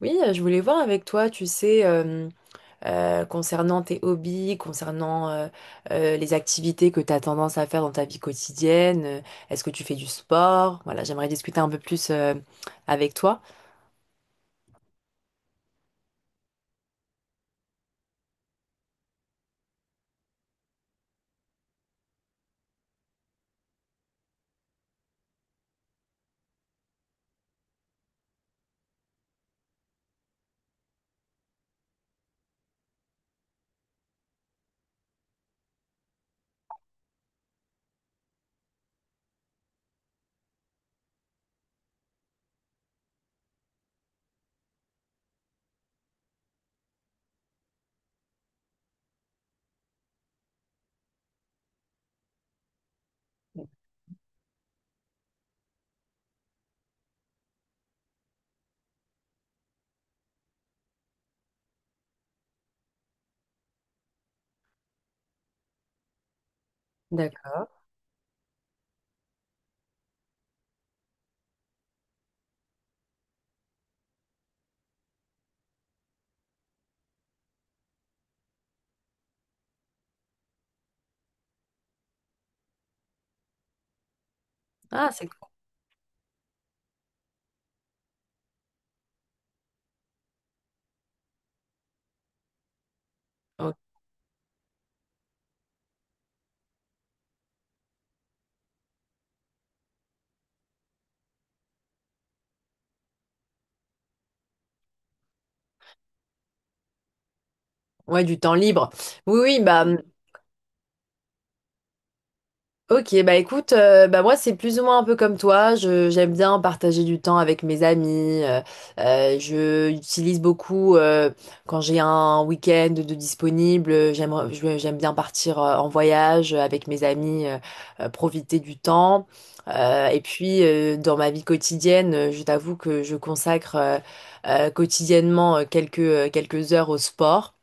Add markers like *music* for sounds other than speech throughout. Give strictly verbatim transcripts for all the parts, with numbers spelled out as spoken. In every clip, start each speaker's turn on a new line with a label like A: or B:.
A: Oui, euh, je voulais voir avec toi, tu sais, euh, euh, concernant tes hobbies, concernant euh, euh, les activités que tu as tendance à faire dans ta vie quotidienne. euh, Est-ce que tu fais du sport? Voilà, j'aimerais discuter un peu plus euh, avec toi. D'accord. Ah, c'est cool. Ouais, du temps libre. Oui, oui, bah. Ok, bah écoute, euh, bah moi c'est plus ou moins un peu comme toi. Je j'aime bien partager du temps avec mes amis. Euh, euh, je utilise beaucoup euh, quand j'ai un week-end de disponible. J'aime je- j'aime bien partir euh, en voyage avec mes amis, euh, euh, profiter du temps. Euh, et puis euh, dans ma vie quotidienne, euh, je t'avoue que je consacre euh, euh, quotidiennement euh, quelques euh, quelques heures au sport.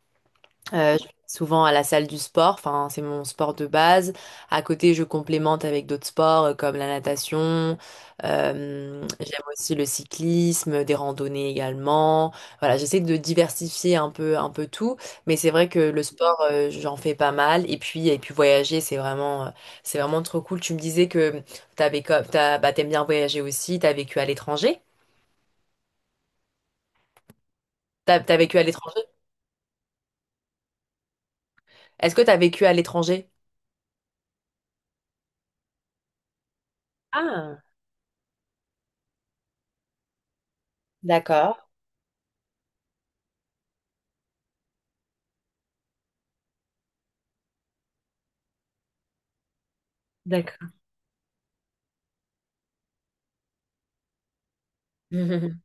A: Euh, je vais souvent à la salle du sport, enfin, c'est mon sport de base. À côté, je complémente avec d'autres sports euh, comme la natation. Euh, j'aime aussi le cyclisme, des randonnées également. Voilà, j'essaie de diversifier un peu, un peu tout, mais c'est vrai que le sport, euh, j'en fais pas mal. Et puis, et puis voyager, c'est vraiment, euh, c'est vraiment trop cool. Tu me disais que t'avais, co- t'as, bah, t'aimes bien voyager aussi. T'as vécu à l'étranger? T'as, t'as vécu à l'étranger? Est-ce que t'as vécu à l'étranger? Ah, d'accord, d'accord. *laughs*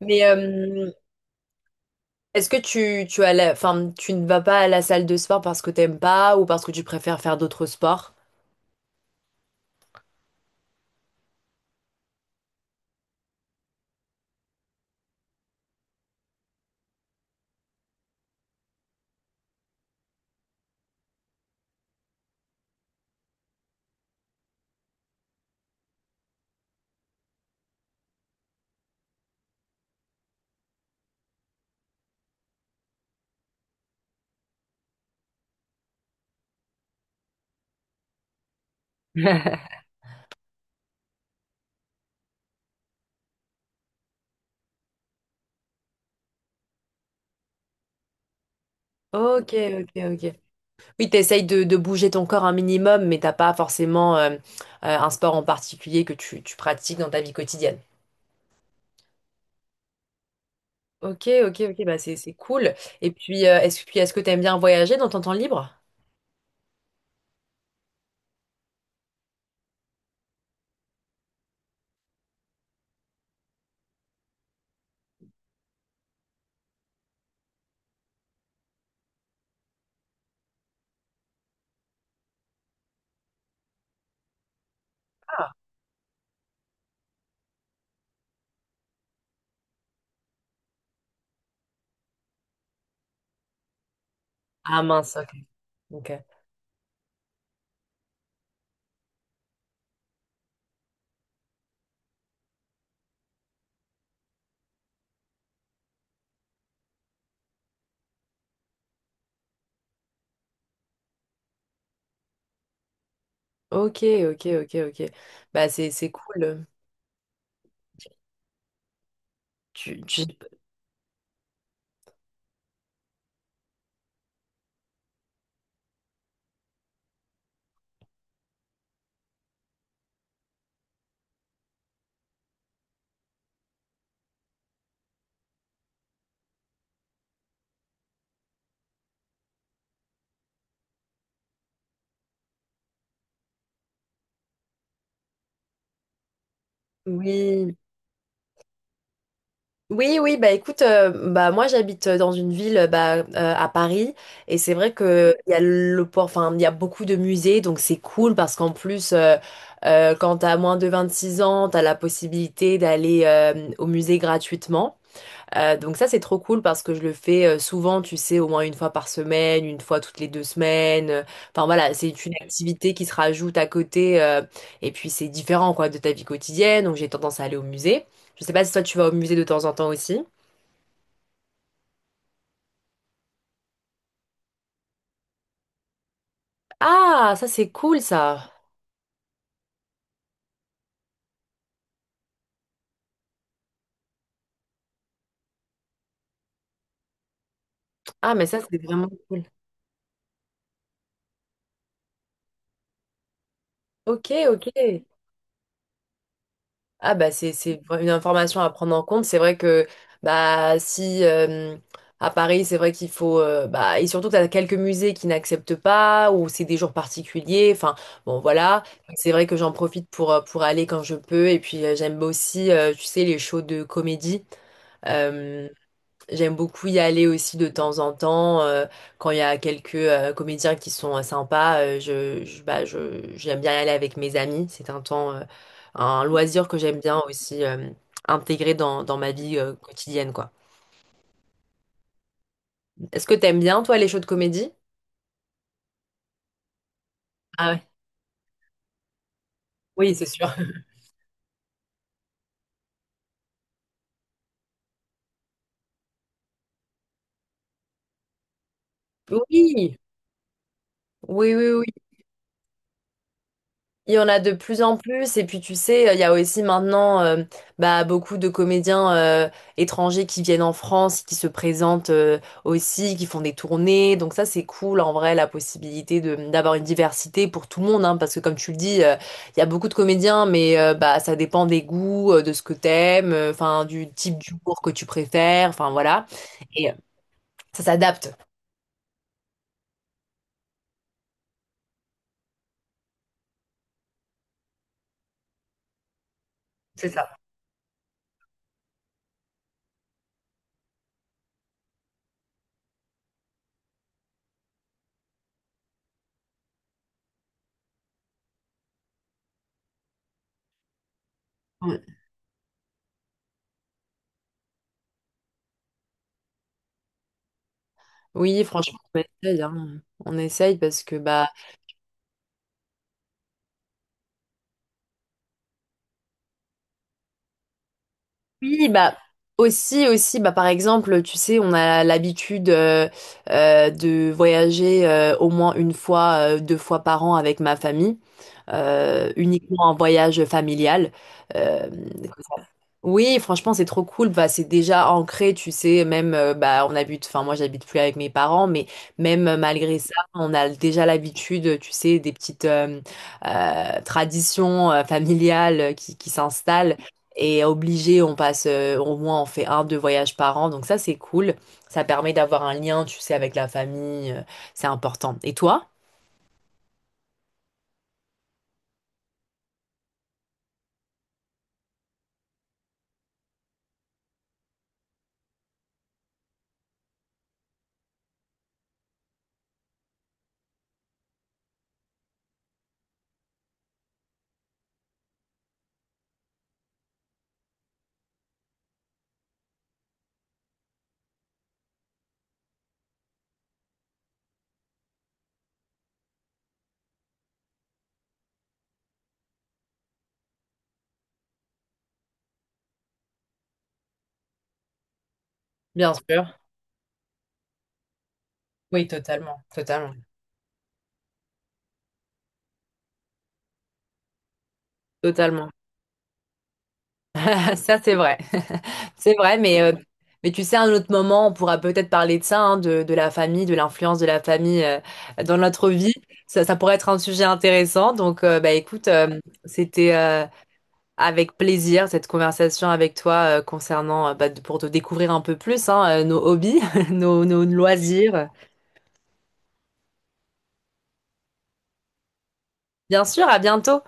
A: Mais euh, est-ce que tu, tu as la- enfin, tu ne vas pas à la salle de sport parce que t'aimes pas ou parce que tu préfères faire d'autres sports? *laughs* Ok, ok, ok. Oui, t'essayes de, de bouger ton corps un minimum, mais t'as pas forcément euh, euh, un sport en particulier que tu, tu pratiques dans ta vie quotidienne. Ok, ok, ok, bah c'est c'est cool. Et puis, euh, est-ce, puis est-ce que t'aimes bien voyager dans ton temps libre? Ah. Ah, mince, ok. Ok, ok, ok, ok, ok. Bah c'est c'est cool. Tu, tu... Oui. Oui, oui, bah écoute, euh, bah moi j'habite euh, dans une ville euh, bah, euh, à Paris et c'est vrai que il y a le port, enfin il y a beaucoup de musées donc c'est cool parce qu'en plus euh, euh, quand t'as moins de vingt-six ans t'as la possibilité d'aller euh, au musée gratuitement. Euh, donc ça, c'est trop cool parce que je le fais euh, souvent, tu sais, au moins une fois par semaine, une fois toutes les deux semaines. Euh, Enfin voilà, c'est une activité qui se rajoute à côté euh, et puis c'est différent quoi de ta vie quotidienne. Donc j'ai tendance à aller au musée. Je sais pas si toi tu vas au musée de temps en temps aussi. Ah, ça c'est cool ça. Ah mais ça c'est vraiment cool. Ok, ok. Ah bah c'est c'est vra- une information à prendre en compte. C'est vrai que bah si euh, à Paris c'est vrai qu'il faut euh, bah et surtout tu as quelques musées qui n'acceptent pas ou c'est des jours particuliers. Enfin bon voilà c'est vrai que j'en profite pour euh, pour aller quand je peux et puis euh, j'aime aussi euh, tu sais les shows de comédie. J'aime beaucoup y aller aussi de temps en temps euh, quand il y a quelques euh, comédiens qui sont euh, sympas. euh, je, je- bah, je- j'aime bien y aller avec mes amis. C'est un temps, euh, un loisir que j'aime bien aussi euh, intégrer dans, dans ma vie euh, quotidienne, quoi. Est-ce que t'aimes bien, toi, les shows de comédie? Ah ouais. Oui, c'est sûr. *laughs* Oui, oui, oui, oui. Il y en a de plus en plus, et puis tu sais, il y a aussi maintenant euh, bah, beaucoup de comédiens euh, étrangers qui viennent en France, qui se présentent euh, aussi, qui font des tournées. Donc ça, c'est cool en vrai, la possibilité de d'avoir une diversité pour tout le monde, hein, parce que comme tu le dis, euh, il y a beaucoup de comédiens, mais euh, bah, ça dépend des goûts, euh, de ce que t'aimes, euh, enfin du type d'humour que tu préfères, enfin voilà. Et euh, ça s'adapte. C'est ça. Ouais. Oui, franchement, on essaye, hein. On essaye parce que bah. Oui, bah aussi, aussi, bah par exemple, tu sais, on a l'habitude euh, euh, de voyager euh, au moins une fois, euh, deux fois par an avec ma famille, euh, uniquement en voyage familial. Euh, oui, franchement, c'est trop cool. Bah, c'est déjà ancré, tu sais. Même, euh, bah, on habite. Enfin, moi, j'habite plus avec mes parents, mais même euh, malgré ça, on a déjà l'habitude, tu sais, des petites euh, euh, traditions euh, familiales euh, qui, qui s'installent. Et obligé, on passe euh, au moins, on fait un, deux voyages par an. Donc ça, c'est cool. Ça permet d'avoir un lien, tu sais, avec la famille. euh, C'est important. Et toi? Bien sûr. Oui, totalement, totalement. Totalement. *laughs* Ça, c'est vrai. *laughs* C'est vrai, mais, euh, mais tu sais, à un autre moment, on pourra peut-être parler de ça, hein, de, de la famille, de l'influence de la famille euh, dans notre vie. Ça, ça pourrait être un sujet intéressant. Donc, euh, bah, écoute, euh, c'était euh, avec plaisir cette conversation avec toi euh, concernant, euh, bah, de- pour te découvrir un peu plus, hein, euh, nos hobbies, *laughs* nos, nos loisirs. Bien sûr, à bientôt.